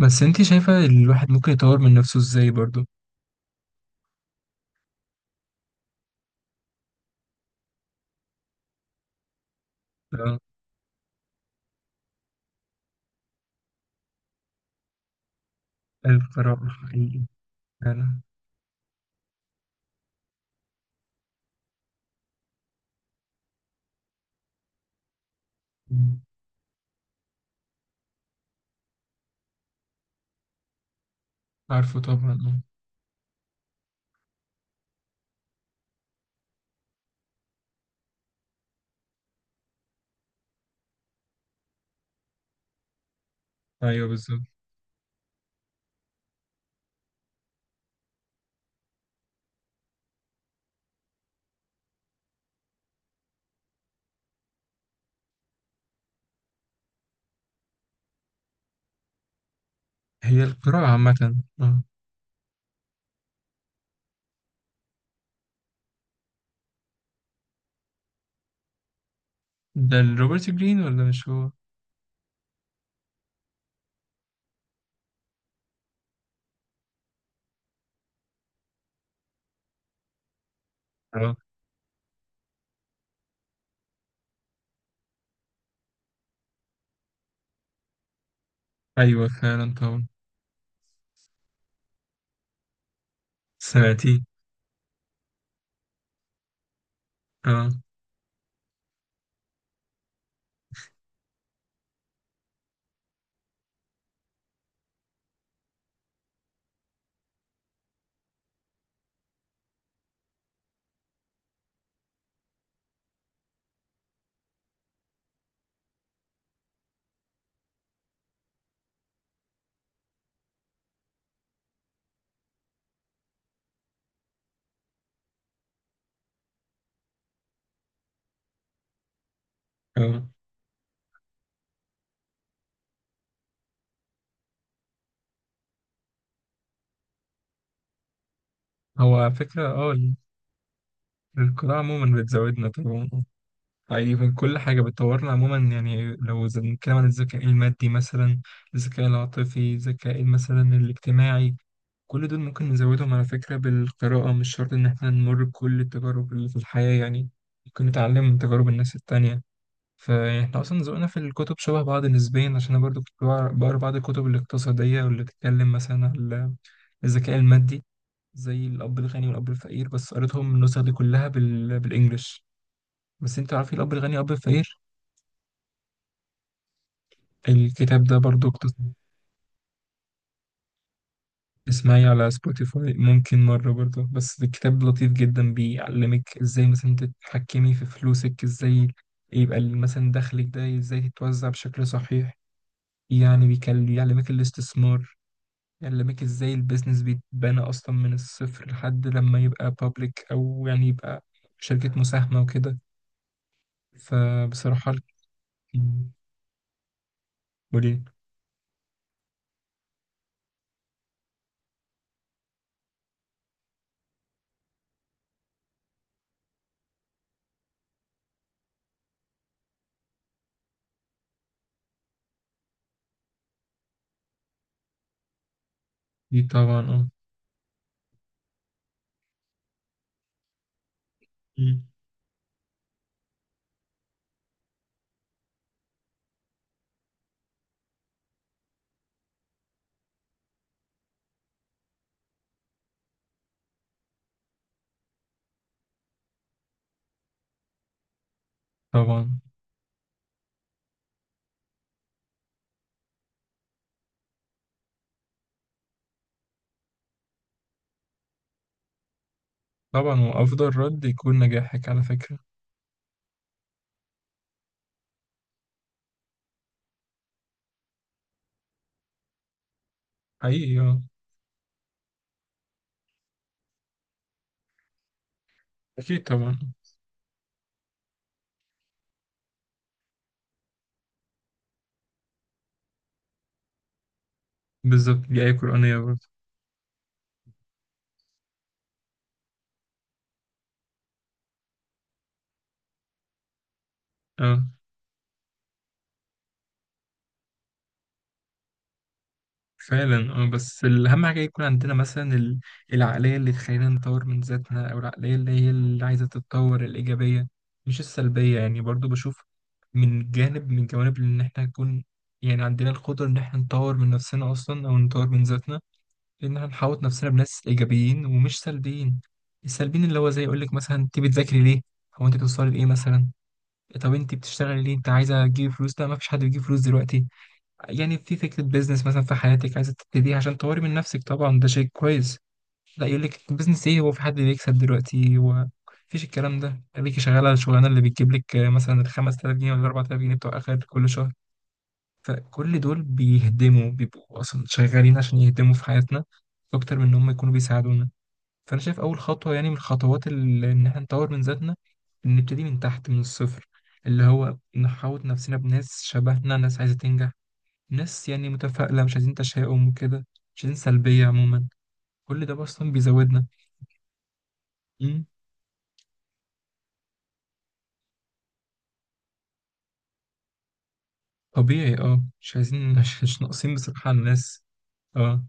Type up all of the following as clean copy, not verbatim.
بس انت شايفة الواحد ممكن يطور من نفسه ازاي برضو. اه، القراءة حقيقي. فعلا. مم. عارفه طبعا. اه ايوه بالظبط. هي القراءة عامة. اه، ده روبرت جرين ولا مش هو؟ اه ايوه فعلا طبعا. سمعتيه. اه اه، هو على فكرة اه القراءة عموما بتزودنا طبعا اه. حقيقي، من كل حاجة بتطورنا عموما، يعني لو بنتكلم عن الذكاء المادي مثلا، الذكاء العاطفي، الذكاء مثلا الاجتماعي، كل دول ممكن نزودهم على فكرة بالقراءة. مش شرط إن إحنا نمر بكل التجارب اللي في الحياة يعني، ممكن نتعلم من تجارب الناس التانية. فإحنا أصلا ذوقنا في الكتب شبه بعض نسبيا، عشان أنا برضو كنت بقرا بعض الكتب الاقتصادية، واللي بتتكلم مثلا على الذكاء المادي، زي الأب الغني والأب الفقير. بس قريتهم النسخ دي كلها بالإنجلش. بس أنت عارف إيه الأب الغني والأب الفقير؟ الكتاب ده برضو اقتصادي. اسمعي على سبوتيفاي ممكن مرة برضه، بس الكتاب لطيف جدا، بيعلمك ازاي مثلا تتحكمي في فلوسك، ازاي يبقى مثلا دخلك ده ازاي تتوزع بشكل صحيح. يعني بيعلمك الاستثمار. يعلمك ازاي البيزنس بيتبنى اصلا من الصفر لحد لما يبقى بابليك، او يعني يبقى شركة مساهمة وكده. فبصراحة ال- وليه. دي طبعا اه. مم. طبعا. طبعا، وافضل رد يكون نجاحك على فكرة. حقيقي اه. اكيد طبعا. بالظبط، دي آية قرآنية برضه. اه فعلا اه. بس الأهم حاجة يكون عندنا مثلا العقلية اللي تخلينا نطور من ذاتنا، أو العقلية اللي هي اللي عايزة تتطور، الإيجابية مش السلبية يعني. برضه بشوف من جانب من جوانب إن إحنا نكون، يعني عندنا القدرة إن إحنا نطور من نفسنا أصلا، أو نطور من ذاتنا، إن إحنا نحوط نفسنا بناس إيجابيين ومش سلبيين. السلبيين اللي هو زي يقولك مثلا أنت بتذاكري ليه؟ هو أنت بتوصلي لإيه مثلا؟ طب أنت بتشتغلي ليه؟ أنت عايزة تجيبي فلوس؟ لا، مفيش حد بيجيب فلوس دلوقتي. يعني في فكرة بيزنس مثلا في حياتك عايزة تبتديها عشان تطوري من نفسك، طبعا ده شيء كويس. لا، يقول لك بيزنس ايه، هو في حد بيكسب دلوقتي؟ هو مفيش، الكلام ده خليكي شغالة الشغلانة اللي بتجيب لك مثلا ال 5000 جنيه ولا 4000 جنيه بتوع آخر كل شهر. فكل دول بيهدموا، بيبقوا أصلا شغالين عشان يهدموا في حياتنا أكتر من إن هم يكونوا بيساعدونا. فأنا شايف أول خطوة، يعني من الخطوات اللي إن احنا نطور من ذاتنا، إن نبتدي من تحت من الصفر، اللي هو نحاوط نفسنا بناس شبهنا، ناس عايزة تنجح، ناس يعني متفائلة، مش عايزين تشاؤم وكده، مش عايزين سلبية عموما. كل ده أصلا بيزودنا. أمم، طبيعي اه. مش عايزين، مش ناقصين بصراحة على الناس. اه.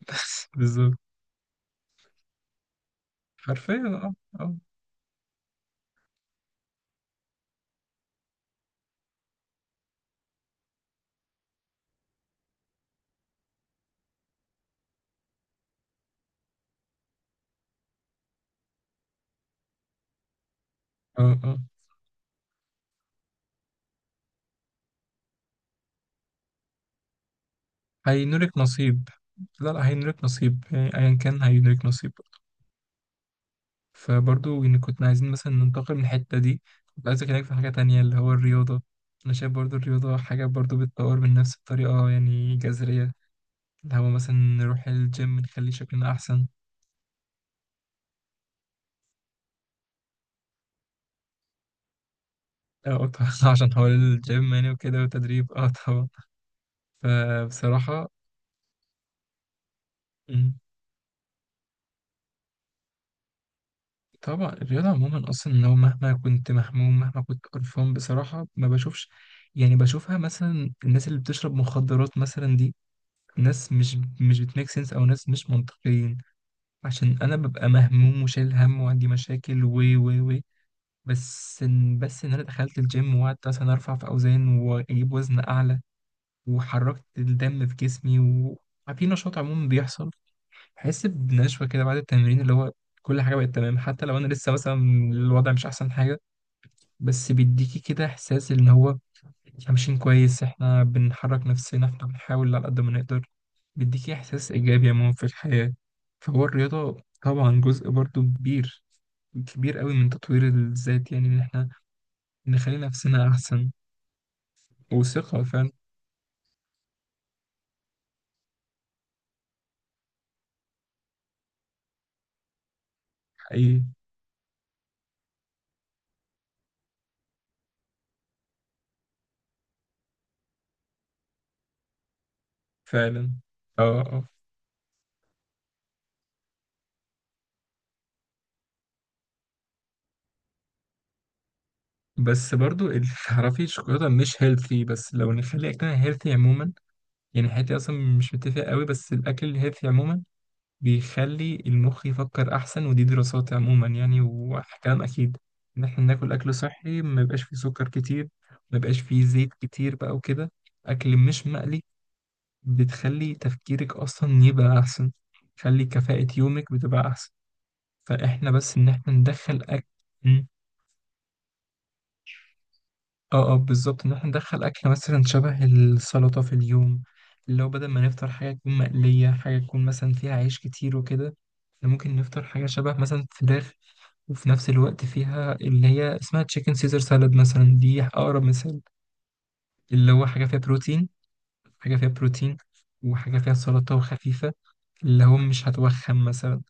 بس بالظبط. حرفيا. اه اه. اه اه. هينولك نصيب. لا هينولك نصيب، يعني أيا كان هينولك نصيب. فبرضو إن كنا عايزين مثلا ننتقل من الحتة دي، كنت عايز أكلمك في حاجة تانية اللي هو الرياضة. أنا شايف برضو الرياضة حاجة برضو بتطور من نفس بطريقة يعني جذرية، اللي هو مثلا نروح الجيم، نخلي شكلنا أحسن. اه طبعا. عشان حوار الجيم يعني وكده وتدريب، اه طبعا. فبصراحة مم، طبعا الرياضة عموما أصلا، لو مهما كنت مهموم، مهما كنت قرفان، بصراحة ما بشوفش، يعني بشوفها مثلا الناس اللي بتشرب مخدرات مثلا دي، ناس مش بتميك سنس، أو ناس مش منطقيين. عشان أنا ببقى مهموم وشايل هم وعندي مشاكل و. بس إن، بس إن أنا دخلت الجيم وقعدت مثلا أرفع في أوزان وأجيب وزن أعلى، وحركت الدم في جسمي في نشاط عموما بيحصل. بحس بنشوة كده بعد التمرين، اللي هو كل حاجة بقت تمام، حتى لو أنا لسه مثلا الوضع مش أحسن حاجة، بس بيديكي كده إحساس إن هو إحنا ماشيين كويس، إحنا بنحرك نفسنا، إحنا بنحاول على قد ما نقدر، بيديكي إحساس إيجابي عموما في الحياة. فهو الرياضة طبعا جزء برضو كبير، كبير قوي، من تطوير الذات، يعني إن إحنا نخلي نفسنا أحسن وثقة فعلا. حقيقي فعلا. اه اه. بس برضو تعرفي الشوكولاتة مش هيلثي، بس لو نخلي أكلنا هيلثي عموما، يعني حياتي اصلا مش متفق قوي، بس الاكل الهيلثي عموما بيخلي المخ يفكر احسن. ودي دراسات عموما يعني وكلام اكيد، ان احنا ناكل اكل صحي، ما يبقاش فيه سكر كتير، ما يبقاش فيه زيت كتير بقى وكده، اكل مش مقلي، بتخلي تفكيرك اصلا يبقى احسن، تخلي كفاءة يومك بتبقى احسن. فاحنا بس ان احنا ندخل اكل، اه اه بالظبط، ان احنا ندخل اكل مثلا شبه السلطه في اليوم، اللي هو بدل ما نفطر حاجه تكون مقليه، حاجه تكون مثلا فيها عيش كتير وكده، إحنا ممكن نفطر حاجه شبه مثلا فراخ، وفي نفس الوقت فيها اللي هي اسمها تشيكن سيزر سالاد، مثلا دي اقرب مثال. اللي هو حاجه فيها بروتين، حاجه فيها بروتين، وحاجه فيها سلطه وخفيفه، اللي هو مش هتوخم مثلا،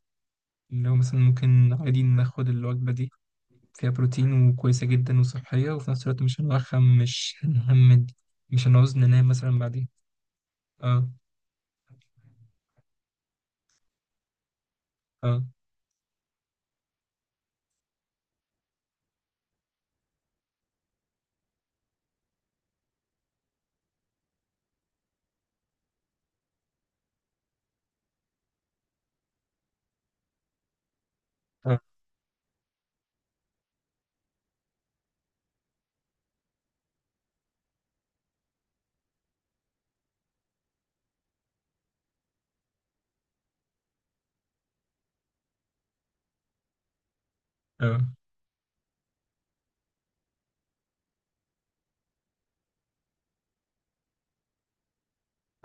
اللي هو مثلا ممكن عادي ناخد الوجبه دي، فيها بروتين وكويسة جدا وصحية، وفي نفس الوقت مش هنوخم، مش هنهمد، مش هنعوز ننام مثلا بعدين. اه. اه اه. اه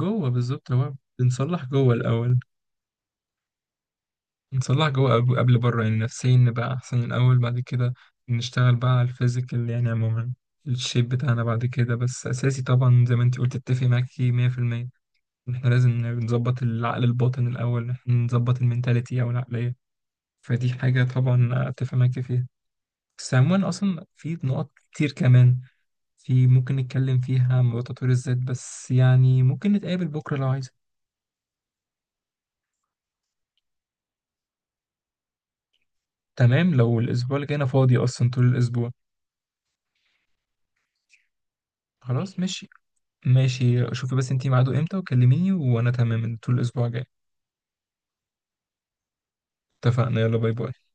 جوه بالظبط. هو بنصلح جوه الأول، نصلح جوه قبل بره يعني، نفسيا نبقى أحسن الأول، بعد كده نشتغل بقى على الفيزيكال يعني عموما، الشيب بتاعنا بعد كده. بس أساسي طبعا، زي ما انت قلت، اتفق معاكي 100% إن احنا لازم نظبط العقل الباطن الأول، إحنا نظبط المنتاليتي أو العقلية، فدي حاجة طبعا أتفق معاكي فيها. بس عموما أصلا في نقط كتير كمان في ممكن نتكلم فيها عن موضوع تطوير الذات، بس يعني ممكن نتقابل بكرة لو عايزة. تمام، لو الأسبوع اللي جاي أنا فاضي أصلا طول الأسبوع. خلاص ماشي. ماشي، شوفي بس انتي ميعاده امتى وكلميني، وأنا تمام طول الأسبوع الجاي. اتفقنا. يلا باي باي.